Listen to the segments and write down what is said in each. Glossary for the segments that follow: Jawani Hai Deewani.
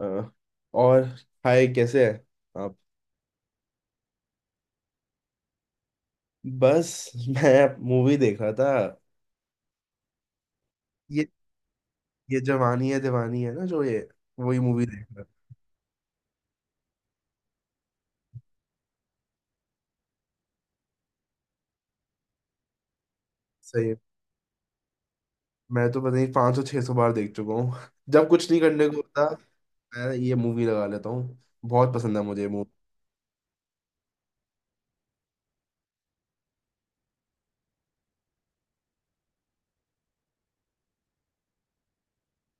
अ, और हाय, कैसे हैं आप। बस मैं मूवी देख रहा था। ये ये जवानी है दीवानी है ना, जो ये वही मूवी देख रहा था। सही है। मैं तो पता नहीं, 500 600 बार देख चुका हूँ जब कुछ नहीं करने को होता, मैं ये मूवी लगा लेता हूँ। बहुत पसंद है मुझे मूवी।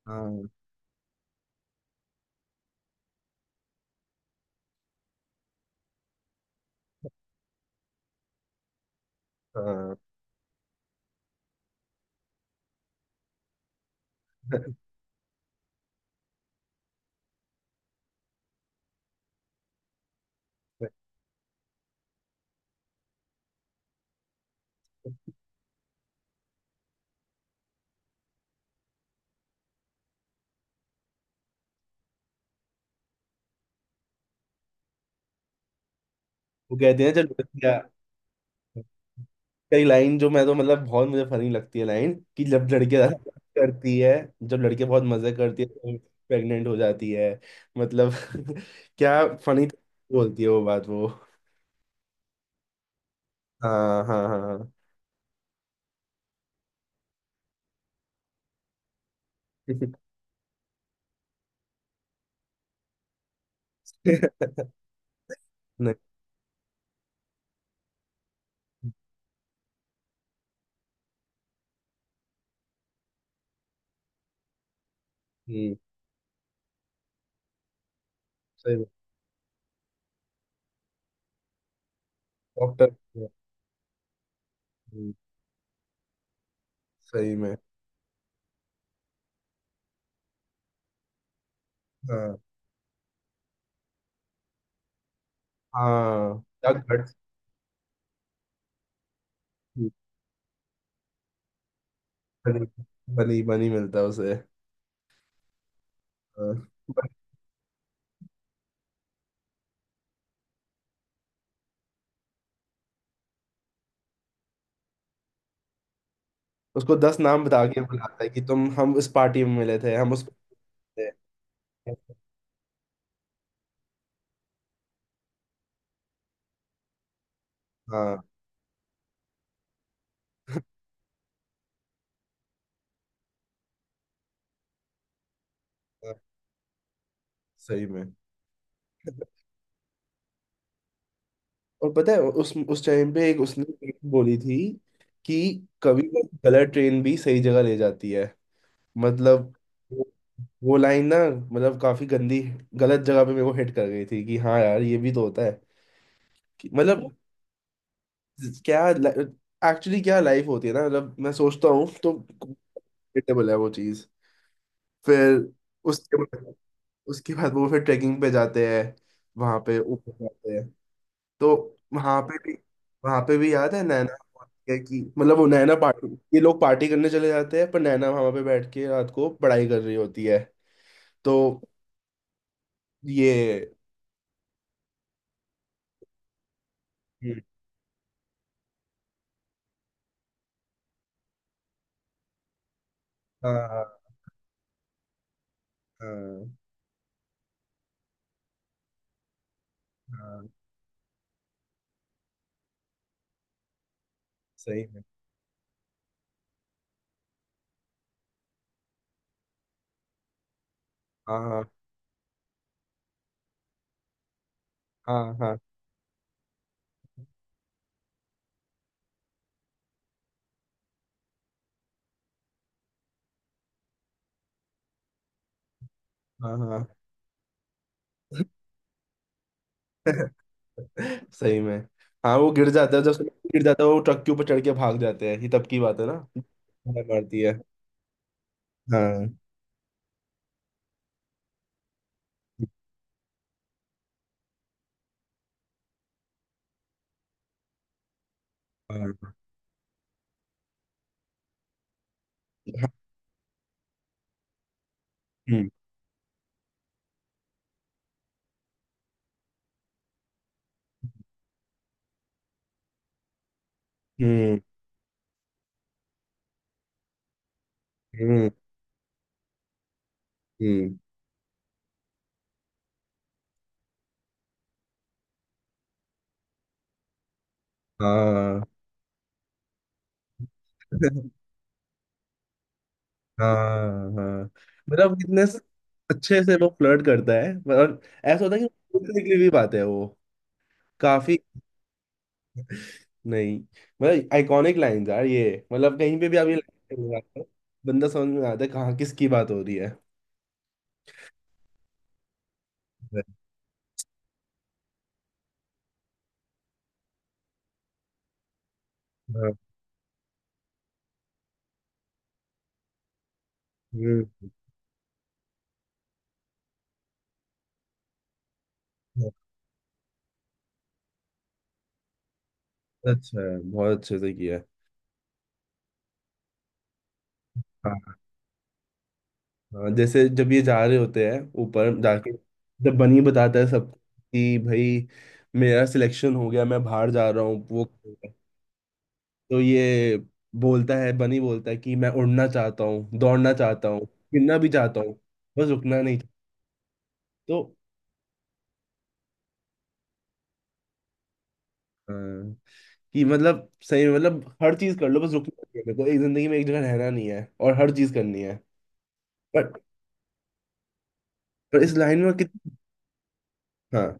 हाँ हाँ, वो कहते हैं चलो। कई लाइन जो मैं तो मतलब बहुत मुझे फनी लगती है लाइन, कि जब लड़के ज्यादा मजे करती है। जब लड़के बहुत मजे करती है तो प्रेग्नेंट हो जाती है। मतलब, क्या फनी। बोलती है वो बात वो। हाँ, हाँ, हाँ। नहीं। हम्म। सही में। डॉक्टर। सही में। हाँ हाँ, क्या घट। बनी। बनी मिलता है उसे। हाँ। बट उसको 10 नाम बता के बुलाता है कि तुम, हम इस पार्टी में मिले थे, हम उस, थे। हाँ हाँ। सही में। और पता है, उस टाइम पे एक उसने एक बोली थी कि कभी कभी गलत ट्रेन भी सही जगह ले जाती है। मतलब वो वो लाइन ना, मतलब काफी गंदी, गलत जगह पे मेरे को हिट कर गई थी कि हाँ यार, ये भी तो होता है कि मतलब क्या, एक्चुअली क्या लाइफ होती है ना, मतलब मैं सोचता हूँ तो, रिलेटेबल है वो चीज। फिर उसके बाद उसके बाद वो फिर ट्रैकिंग पे जाते हैं। वहां पे ऊपर जाते हैं, तो वहां पे भी वहां पे भी याद है, नैना बोलती है कि मतलब वो नैना पार्टी। ये लोग पार्टी करने चले जाते हैं पर नैना वहां पे बैठ के रात को पढ़ाई कर रही होती है। तो ये, हम्म। हाँ, हाँ, हाँ, हाँ, सही में। हाँ, हाँ, हाँ, हाँ, हाँ, हाँ, सही में। हाँ, वो गिर जाता है, जब उसमें गिर जाता है वो ट्रक के ऊपर चढ़ के भाग जाते हैं, ये तब की बात है ना, हाँ, मारती है। हाँ हाँ, हम्म, हम्म, हम्म, हम्म, हाँ, हाँ हाँ, मतलब कितने अच्छे से वो फ्लर्ट करता है, और ऐसा होता है कि बोलने के लिए भी बात है वो, काफी। नहीं मतलब आइकॉनिक लाइन यार ये, मतलब कहीं पे भी आप ये लाइन, बंदा समझ में आता है कहाँ किसकी बात हो रही है। हाँ, हम्म। अच्छा है, बहुत अच्छे से किया है। हाँ हाँ, जैसे जब ये जा रहे होते हैं, ऊपर जाके, जब बनी बताता है सब कि भाई मेरा सिलेक्शन हो गया, मैं बाहर जा रहा हूँ, वो, तो ये बोलता है, बनी बोलता है कि मैं उड़ना चाहता हूँ, दौड़ना चाहता हूँ, गिरना भी चाहता हूँ, बस रुकना नहीं चाहता। तो हाँ, कि मतलब सही में, मतलब हर चीज कर लो, बस रुकना नहीं है मेरे को, एक जिंदगी में एक जगह रहना नहीं है और हर चीज करनी है। पर, पर इस लाइन में कितनी, हाँ,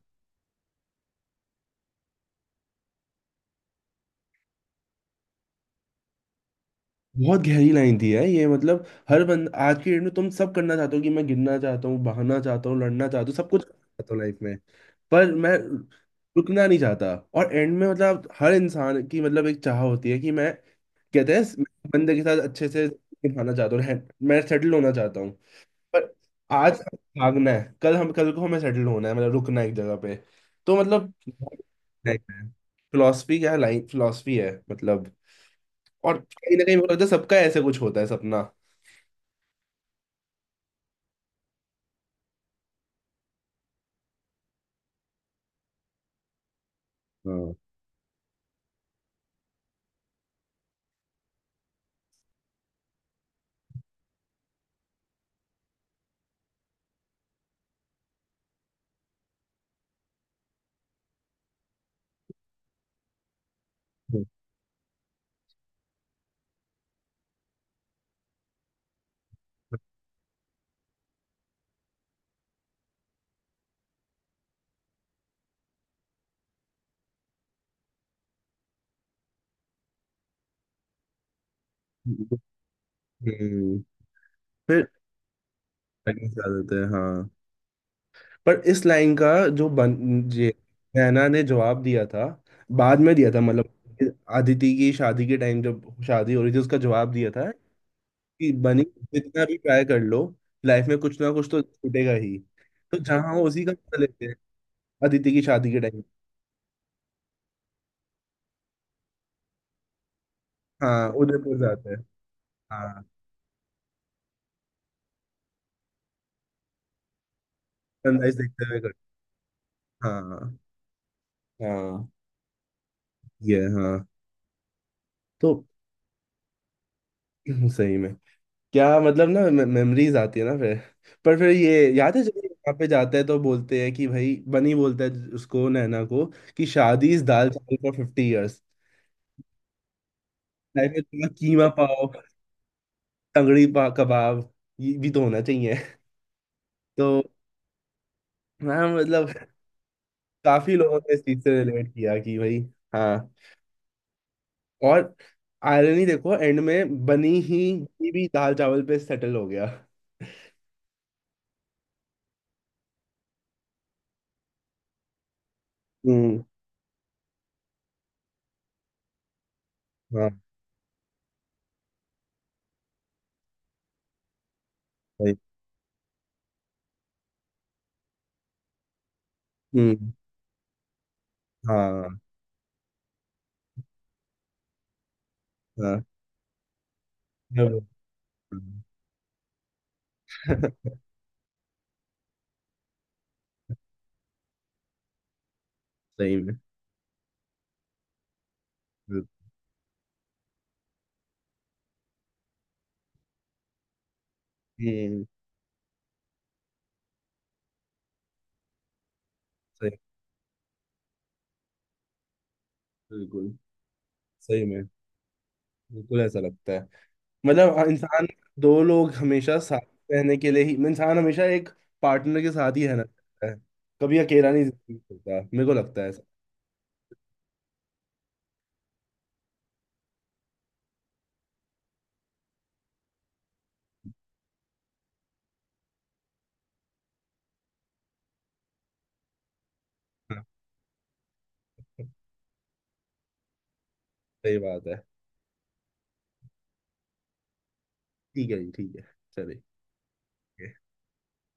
बहुत गहरी लाइन थी है ये, मतलब हर बंद आज की डेट में तुम सब करना चाहते हो कि मैं गिरना चाहता हूँ, बहाना चाहता हूँ, लड़ना चाहता हूँ, सब कुछ करना चाहता हूँ लाइफ में, पर मैं रुकना नहीं चाहता। और एंड में मतलब हर इंसान की, मतलब एक चाह होती है कि मैं, कहते हैं मैं बंदे के साथ अच्छे से निभाना चाहता हूँ मैं सेटल होना चाहता हूँ। पर आज भागना है, कल को हमें सेटल होना है, मतलब रुकना है एक जगह पे। तो मतलब फिलोसफी क्या है, लाइन फिलोसफी है मतलब, और कहीं ना कहीं मुझे लगता है सबका ऐसे कुछ होता है सपना। हाँ, हम्म। फिर आगे चल देते हैं, हाँ। पर इस लाइन का, जो बन ये नैना ने जवाब दिया था, बाद में दिया था, मतलब अदिति की शादी के टाइम जब शादी हो रही थी, उसका जवाब दिया था कि बनी, जितना भी ट्राई कर लो, लाइफ में कुछ ना कुछ तो छूटेगा ही। तो जहाँ हो उसी का मजा लेते हैं। अदिति की शादी के टाइम। हाँ, उदयपुर जाते हैं। हाँ, सनराइज देखते हुए करते हैं। हाँ हाँ। ये, हाँ, तो सही में, क्या मतलब ना, मेमोरीज आती है ना फिर। पर फिर ये याद है, जब ये यहाँ पे जाते हैं तो बोलते हैं कि भाई बनी बोलता है उसको, नैना को कि शादी इस दाल चावल फॉर 50 ईयर्स, लाइफ में थोड़ा कीमा पाव, तंगड़ी पा कबाब, ये भी तो होना चाहिए। तो हाँ मतलब, काफी लोगों ने इस चीज से रिलेट किया कि भाई, हाँ, और आयरनी देखो, एंड में बनी भी दाल चावल पे सेटल हो गया। हम्म, हाँ, भाई, हम्म, हाँ, हाँ, हाँ। सही में। हम्म। सही। बिल्कुल। सही में। बिल्कुल ऐसा लगता है। मतलब इंसान, दो लोग हमेशा साथ रहने के लिए ही, इंसान हमेशा एक पार्टनर के साथ ही रहना चाहता है। कभी अकेला नहीं जिंदगी में चलता, मेरे को लगता है ऐसा। हाँ, सही बात है। ठीक है जी, ठीक है। चलिए।